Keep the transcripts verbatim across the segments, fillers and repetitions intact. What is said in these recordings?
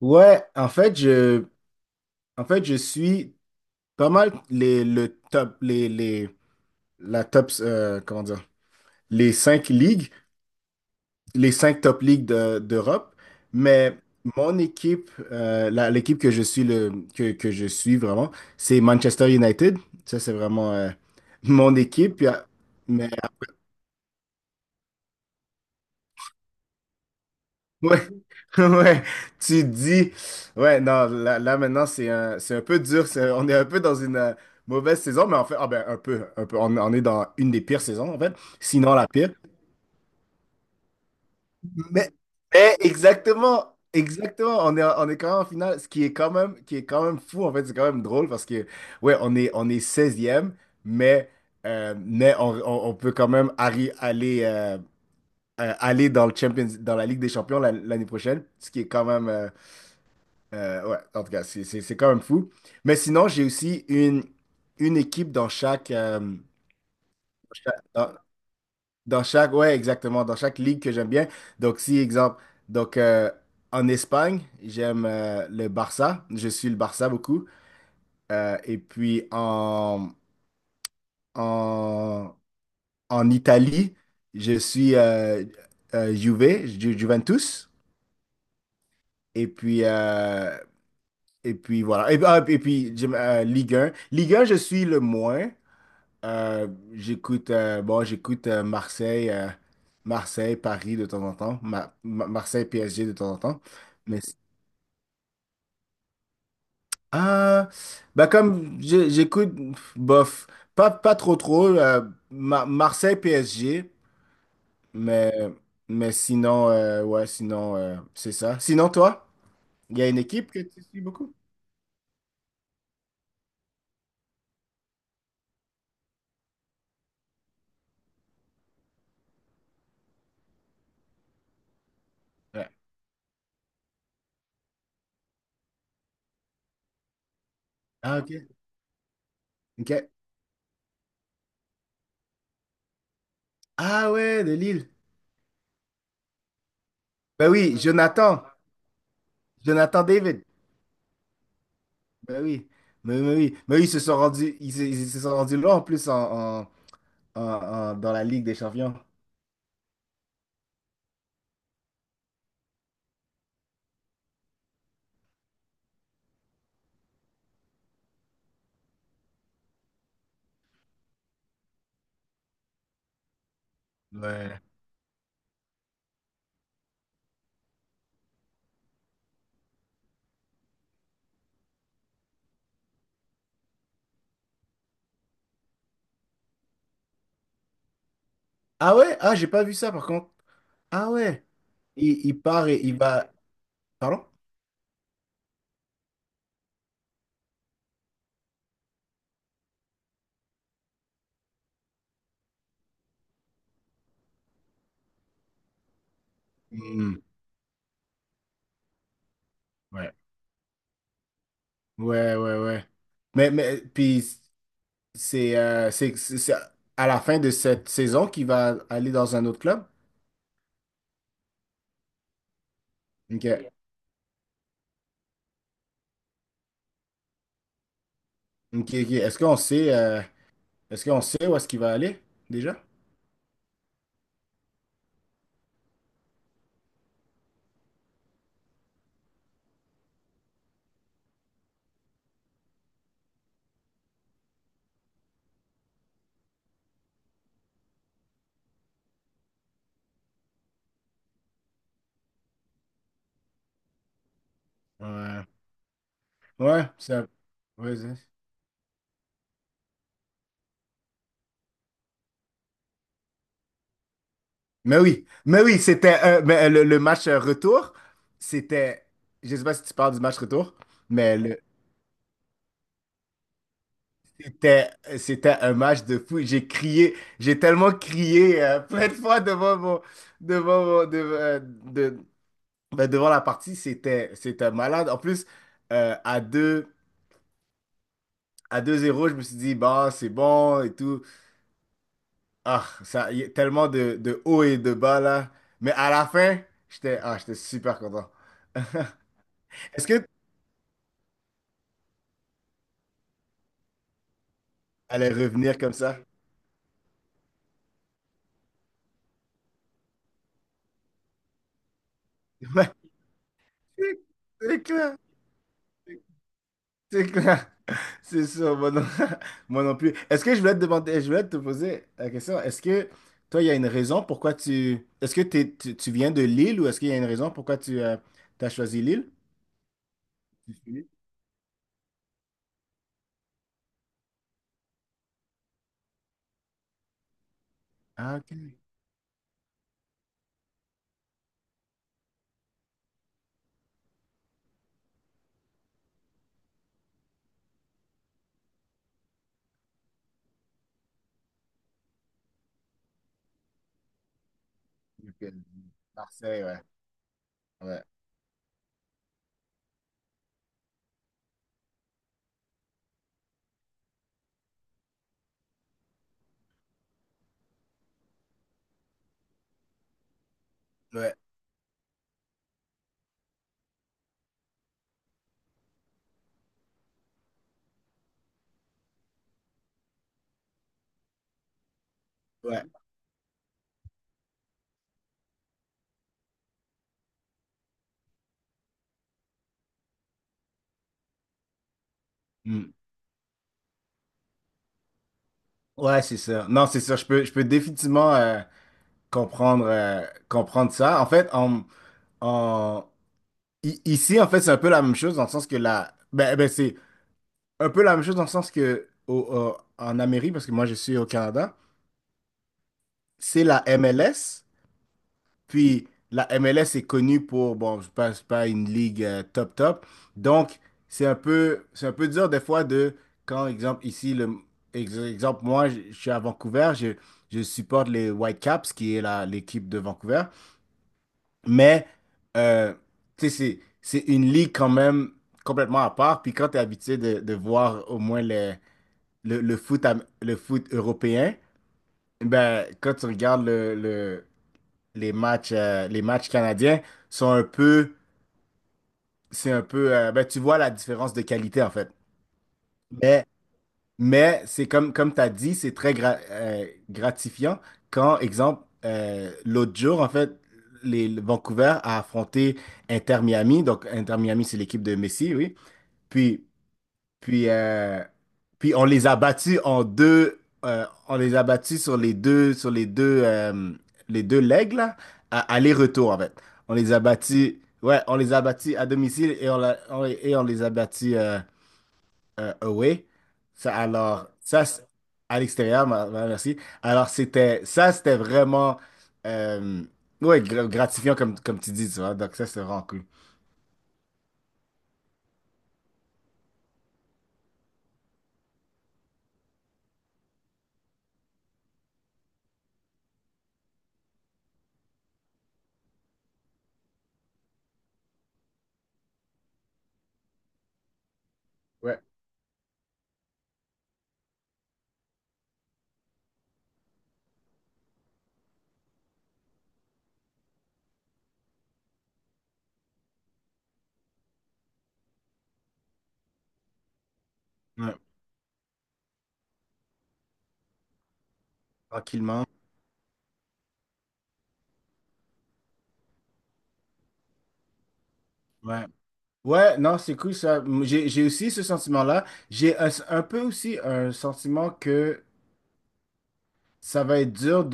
Ouais, en fait, je, en fait, je suis pas mal les, le top, les, les, la top, euh, comment dire, les cinq ligues, les cinq top ligues de- d'Europe. Mais mon équipe, euh, la- l'équipe que je suis le, que, que je suis vraiment, c'est Manchester United. Ça, c'est vraiment, euh, mon équipe. Puis, euh, ouais, ouais, tu dis, ouais, non, là, là, maintenant c'est un, c'est un peu dur, c'est- on est un peu dans une euh, mauvaise saison, mais en fait, ah ben un peu, un peu, on, on est dans une des pires saisons en fait, sinon la pire. Mais, mais exactement, exactement, on est, on est quand même en finale, ce qui est quand même, qui est quand même fou en fait, c'est quand même drôle parce que, ouais, on est, on est seizième, mais, euh, mais on, on- on peut quand même arri- aller, euh, euh, aller dans le Champions, dans la Ligue des Champions la- l'année prochaine, ce qui est quand même. Euh, Euh, ouais, en tout cas, c'est c'est- c'est quand même fou. Mais sinon, j'ai aussi une, une équipe dans chaque, euh, chaque- dans, dans chaque, ouais, exactement, dans chaque ligue que j'aime bien. Donc, si, exemple, donc, euh, en Espagne, j'aime euh, le Barça. Je suis le Barça beaucoup. Euh, et puis, en, en, en Italie, je suis euh, euh, Juve, Ju- Juventus. Et puis, euh, et puis voilà. Et, ah, et puis, j'aime, euh, Ligue un Ligue un, je suis le moins. Euh, j'écoute euh, bon, j'écoute euh, Marseille, euh, Marseille, Paris de temps en temps, Ma- Ma- Marseille, P S G de temps en temps. Mais c'est- ah, Bah comme j'ai- j'écoute bof, pas pas trop trop euh, Ma- Marseille, P S G, mais mais sinon euh, ouais, sinon euh, c'est ça. Sinon toi, il y a une équipe que tu suis beaucoup? Ouais. Ah, ok. OK. Ah ouais, de Lille. Bah oui, Jonathan, Jonathan David. Ben oui, mais, mais oui, mais oui, ils se sont rendus, ils, se ils se sont rendus là en plus en, en- en- en- dans la Ligue des Champions. Ouais. Ah ouais? Ah, j'ai pas vu ça par contre. Ah ouais. Il, il part et il va. Pardon? Hmm, ouais. Ouais, ouais, ouais. Mais, mais puis c'est euh, c'est c'est- c'est à la fin de cette saison qu'il va aller dans un autre club. Ok. Ok, ok. Est-ce qu'on sait euh, est-ce qu'on sait où est-ce qu'il va aller déjà? Ouais. Ouais, c'est un- ouais, c'est- Mais oui, mais oui, c'était euh, mais, euh, le, le match euh, retour, c'était, je sais pas si tu parles du match retour, mais le- c'était euh, c'était un match de fou. J'ai crié, j'ai tellement crié euh, plein de fois devant mon devant mon- de, euh, de- ben, devant la partie, c'était c'était malade. En plus, euh, à deux à deux zéro je me suis dit bah c'est bon et tout. Ah, ça y a tellement de de haut et de bas là, mais à la fin, j'étais ah, j'étais super content. Est-ce que allait revenir comme ça. Ouais, c'est c'est clair. C'est clair. C'est sûr, moi non, moi non plus. Est-ce que je voulais te demander, je voulais te poser la question, est-ce que toi, il y a une raison pourquoi tu... Est-ce que t'es- tu, tu viens de Lille ou est-ce qu'il y a une raison pourquoi tu as choisi Lille? Tu suis Lille. Ah, ok. Ok. Marseille, ouais. Ouais. Ouais. Ouais. Hmm. Ouais, c'est ça. Non, c'est ça. Je peux, je peux définitivement euh, comprendre, euh, comprendre ça. En fait, en, en, I- ici, en fait, c'est un peu la même chose dans le sens que la. Ben, ben, c'est un peu la même chose dans le sens que au- au- en Amérique, parce que moi je suis au Canada, c'est la M L S. Puis la M L S est connue pour, bon, je passe pas une ligue euh, top top. Donc, c'est un peu, c'est un peu dur des fois de, quand, exemple, ici, le, ex- exemple, moi, je je suis à Vancouver, je, je supporte les Whitecaps, qui est la, l'équipe de Vancouver. Mais, euh, tu sais, c'est c'est une ligue quand même complètement à part. Puis quand tu es habitué de, de voir au moins le, le, le foot, am- le foot européen, ben, quand tu regardes le, le- les matchs, euh, les matchs canadiens, sont un peu, c'est un peu, euh, ben, tu vois la différence de qualité en fait. Mais Mais c'est comme, comme tu as dit, c'est très gra- euh, gratifiant quand, exemple, euh, l'autre jour, en fait, les, le Vancouver a affronté Inter Miami. Donc, Inter Miami, c'est l'équipe de Messi, oui. Puis, puis, euh, Puis on les a battus en deux, euh, on les a battus sur les deux, sur les deux, euh, les deux legs, là, à aller-retour, en fait. On les a battus, ouais, on les a battus à domicile et on, l'a- on- et on les a battus. Euh, euh, away. Ça, alors, ça, c'est- À l'extérieur, ma- ma- merci. Alors, c'était, ça, c'était vraiment, euh, ouais, gra- gratifiant, comme, comme tu dis, tu vois. Donc, ça, c'est vraiment cool. Ouais. Ouais. Tranquillement. Ouais. Ouais, non, c'est cool, ça. M- J'ai, j'ai aussi ce sentiment-là. J'ai un, un peu aussi un sentiment que ça va être dur.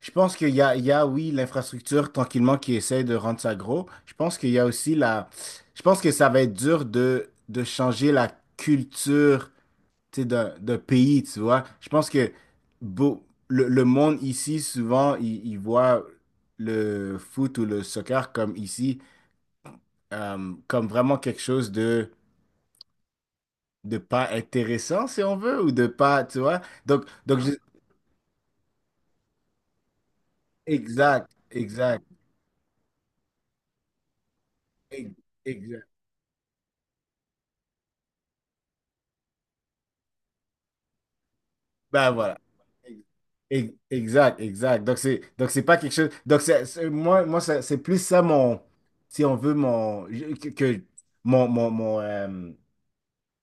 Je pense qu'il y a, il y a, oui, l'infrastructure tranquillement qui essaie de rendre ça gros. Je pense qu'il y a aussi la... Je pense que ça va être dur de, de changer la culture, tu sais, d'un, d'un pays, tu vois. Je pense que beau- le, le monde ici, souvent, il, il voit le foot ou le soccer comme ici, euh, comme vraiment quelque chose de, de pas intéressant, si on veut, ou de pas, tu vois. Donc, donc je- Exact, exact, ex- exact. Ben voilà. Ex- Exact, exact. Donc c'est donc c'est pas quelque chose. Donc c'est c'est- moi moi ça- c'est plus ça mon, si on veut, mon je- que que- mon mon, mon, euh,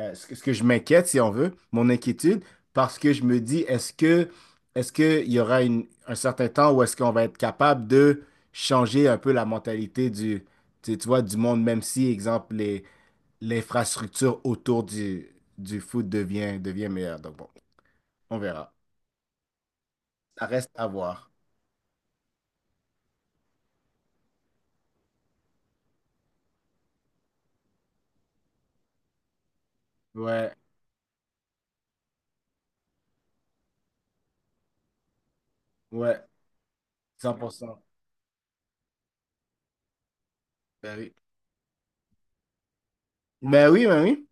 euh, ce que, ce que je m'inquiète, si on veut, mon inquiétude, parce que je me dis est-ce que est-ce que il y aura une, un certain temps où est-ce qu'on va être capable de changer un peu la mentalité du, tu, tu vois, du monde, même si exemple les, l'infrastructure autour du du foot devient devient meilleure. Donc bon, on verra. Ça reste à voir. Ouais, ouais, cent pour cent. Ben oui, ben oui. Ben oui.